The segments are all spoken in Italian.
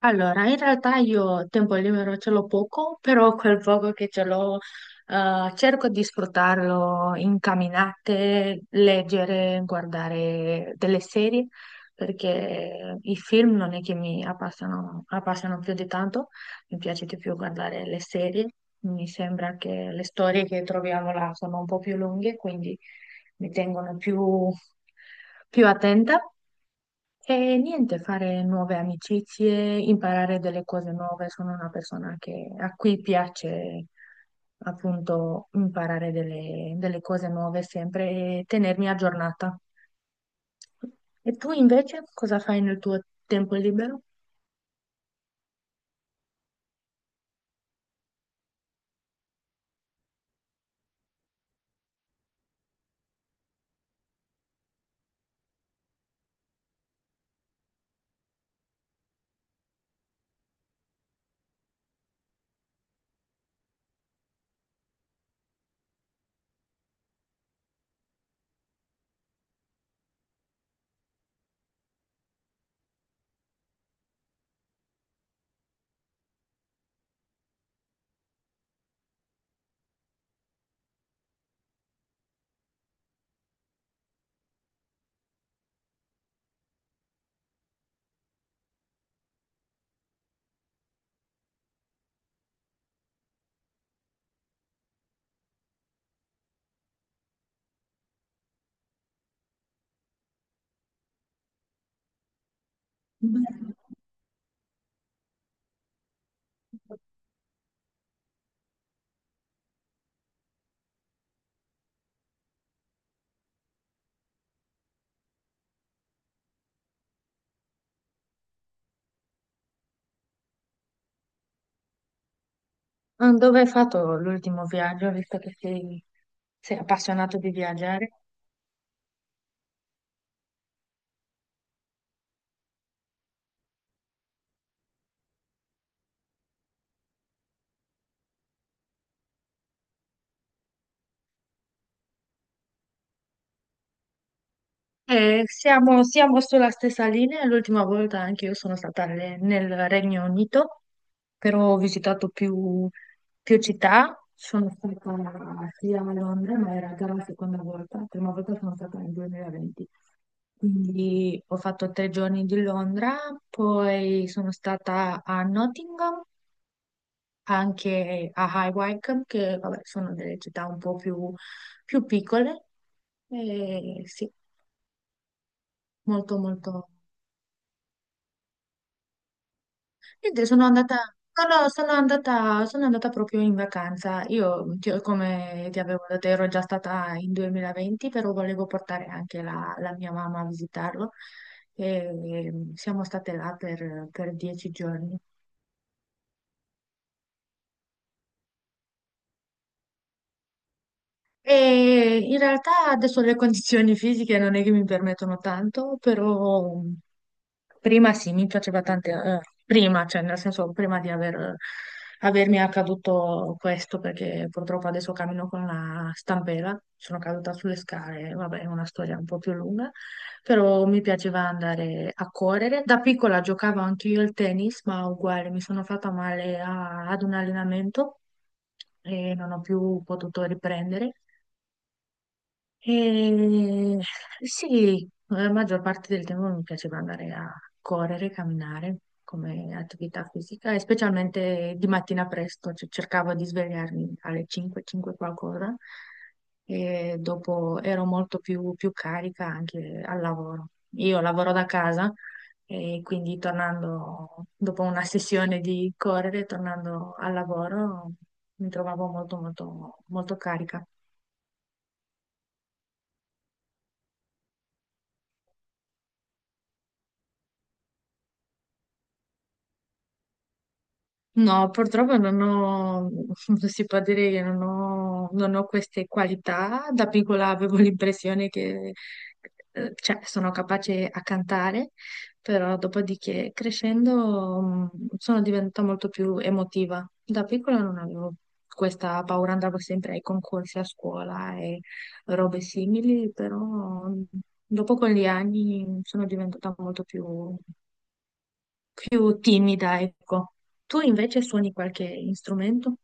Allora, in realtà io tempo libero ce l'ho poco, però quel poco che ce l'ho, cerco di sfruttarlo in camminate, leggere, guardare delle serie, perché i film non è che mi appassionano, più di tanto. Mi piace di più guardare le serie, mi sembra che le storie che troviamo là sono un po' più lunghe, quindi mi tengono più attenta. E niente, fare nuove amicizie, imparare delle cose nuove. Sono una persona a cui piace appunto imparare delle cose nuove sempre e tenermi aggiornata. E tu invece cosa fai nel tuo tempo libero? Beh, ah, dove hai fatto l'ultimo viaggio, visto che sei appassionato di viaggiare? Siamo sulla stessa linea, l'ultima volta anche io sono stata nel Regno Unito, però ho visitato più città, sono stata sia a Londra, ma era già la seconda volta, la prima volta sono stata nel 2020, quindi ho fatto 3 giorni di Londra, poi sono stata a Nottingham, anche a High Wycombe, che vabbè, sono delle città un po' più piccole, e sì, molto molto. Niente, sono andata, no, no, sono andata, proprio in vacanza. Io, come ti avevo detto, ero già stata in 2020, però volevo portare anche la mia mamma a visitarlo. E siamo state là per 10 giorni. E in realtà adesso le condizioni fisiche non è che mi permettono tanto, però prima sì, mi piaceva tante, prima, cioè nel senso prima di avermi accaduto questo, perché purtroppo adesso cammino con la stampella, sono caduta sulle scale, vabbè, è una storia un po' più lunga, però mi piaceva andare a correre. Da piccola giocavo anche io al tennis, ma uguale, mi sono fatta male ad un allenamento e non ho più potuto riprendere. E sì, la maggior parte del tempo mi piaceva andare a correre, camminare come attività fisica e specialmente di mattina presto, cioè cercavo di svegliarmi alle 5, 5 qualcosa e dopo ero molto più carica anche al lavoro. Io lavoro da casa e quindi tornando dopo una sessione di correre, tornando al lavoro, mi trovavo molto, molto, molto carica. No, purtroppo non ho, si può dire che non ho queste qualità. Da piccola avevo l'impressione che, cioè, sono capace a cantare, però dopodiché crescendo sono diventata molto più emotiva. Da piccola non avevo questa paura, andavo sempre ai concorsi a scuola e robe simili, però dopo con gli anni sono diventata molto più timida, ecco. Tu invece suoni qualche strumento?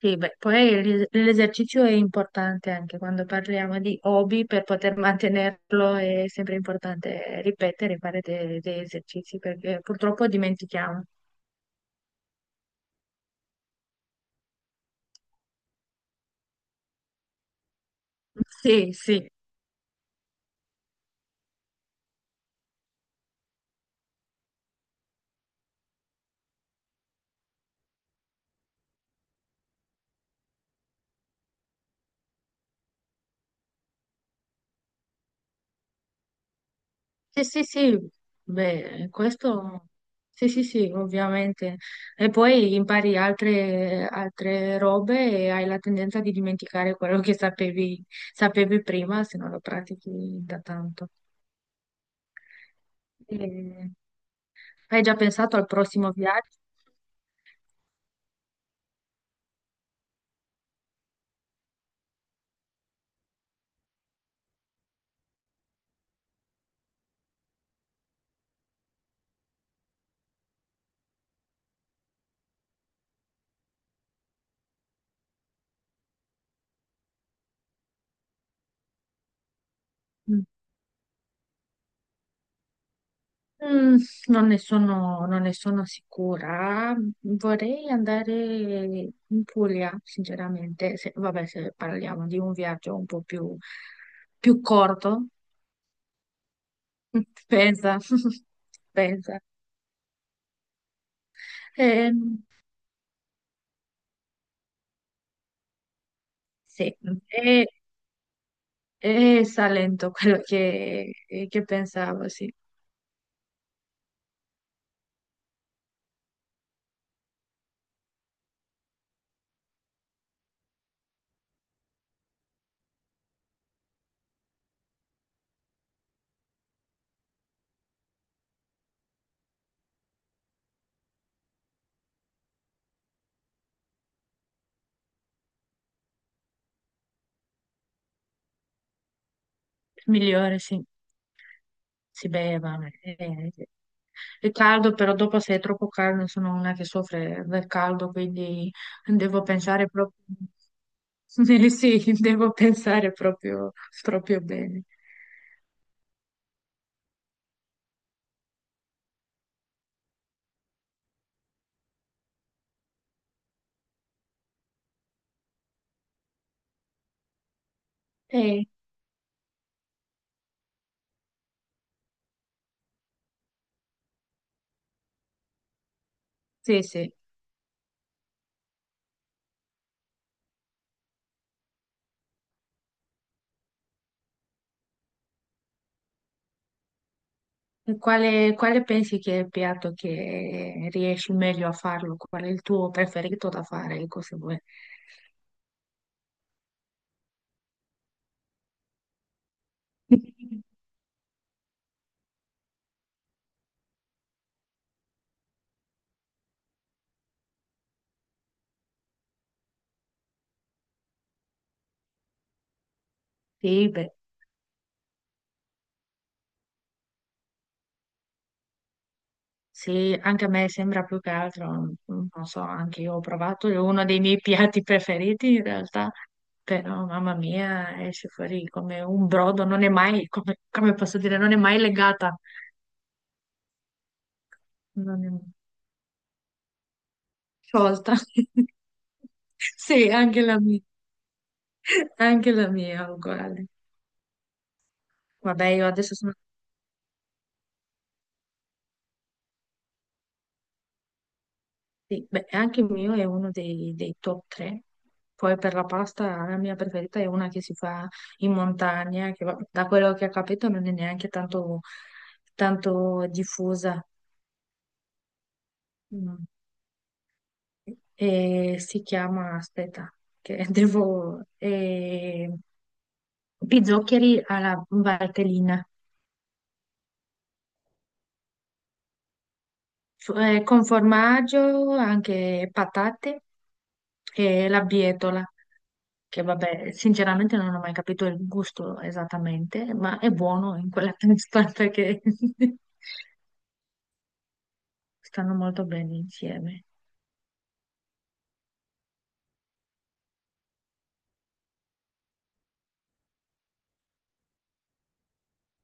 Sì, beh, poi l'esercizio è importante anche quando parliamo di hobby, per poter mantenerlo è sempre importante ripetere, fare degli esercizi perché purtroppo dimentichiamo. Sì, sì. Sì, sì, sì, beh, questo sì, sì, sì, ovviamente. E poi impari altre robe e hai la tendenza di dimenticare quello che sapevi, prima se non lo pratichi da tanto. E hai già pensato al prossimo viaggio? Mm. Mm, non ne sono sicura. Vorrei andare in Puglia, sinceramente. Se, vabbè, se parliamo di un viaggio un po' più corto, pensa, pensa. Ehm, sì, è, è Salento quello che pensavo, sì. Migliore, sì. Si beve, vabbè. Sì. È caldo, però dopo se è troppo caldo sono una che soffre del caldo, quindi devo pensare proprio. Sì, devo pensare proprio, proprio bene. Eh, sì, sì. E quale pensi che è il piatto che riesci meglio a farlo? Qual è il tuo preferito da fare? Ecco, se vuoi. Sì, beh, sì, anche a me sembra più che altro, non so, anche io ho provato, è uno dei miei piatti preferiti in realtà, però mamma mia, esce fuori come un brodo, non è mai, come, come posso dire, non è mai legata, non è sciolta. Sì, anche la mia è uguale. Vabbè, io adesso sono. Sì, beh, anche il mio è uno dei top 3. Poi per la pasta la mia preferita è una che si fa in montagna, che da quello che ho capito non è neanche tanto diffusa. Mm. E si chiama, aspetta, che Pizzoccheri alla Valtellina. Con formaggio, anche patate e la bietola, che vabbè, sinceramente non ho mai capito il gusto esattamente, ma è buono in quella testa perché stanno molto bene insieme.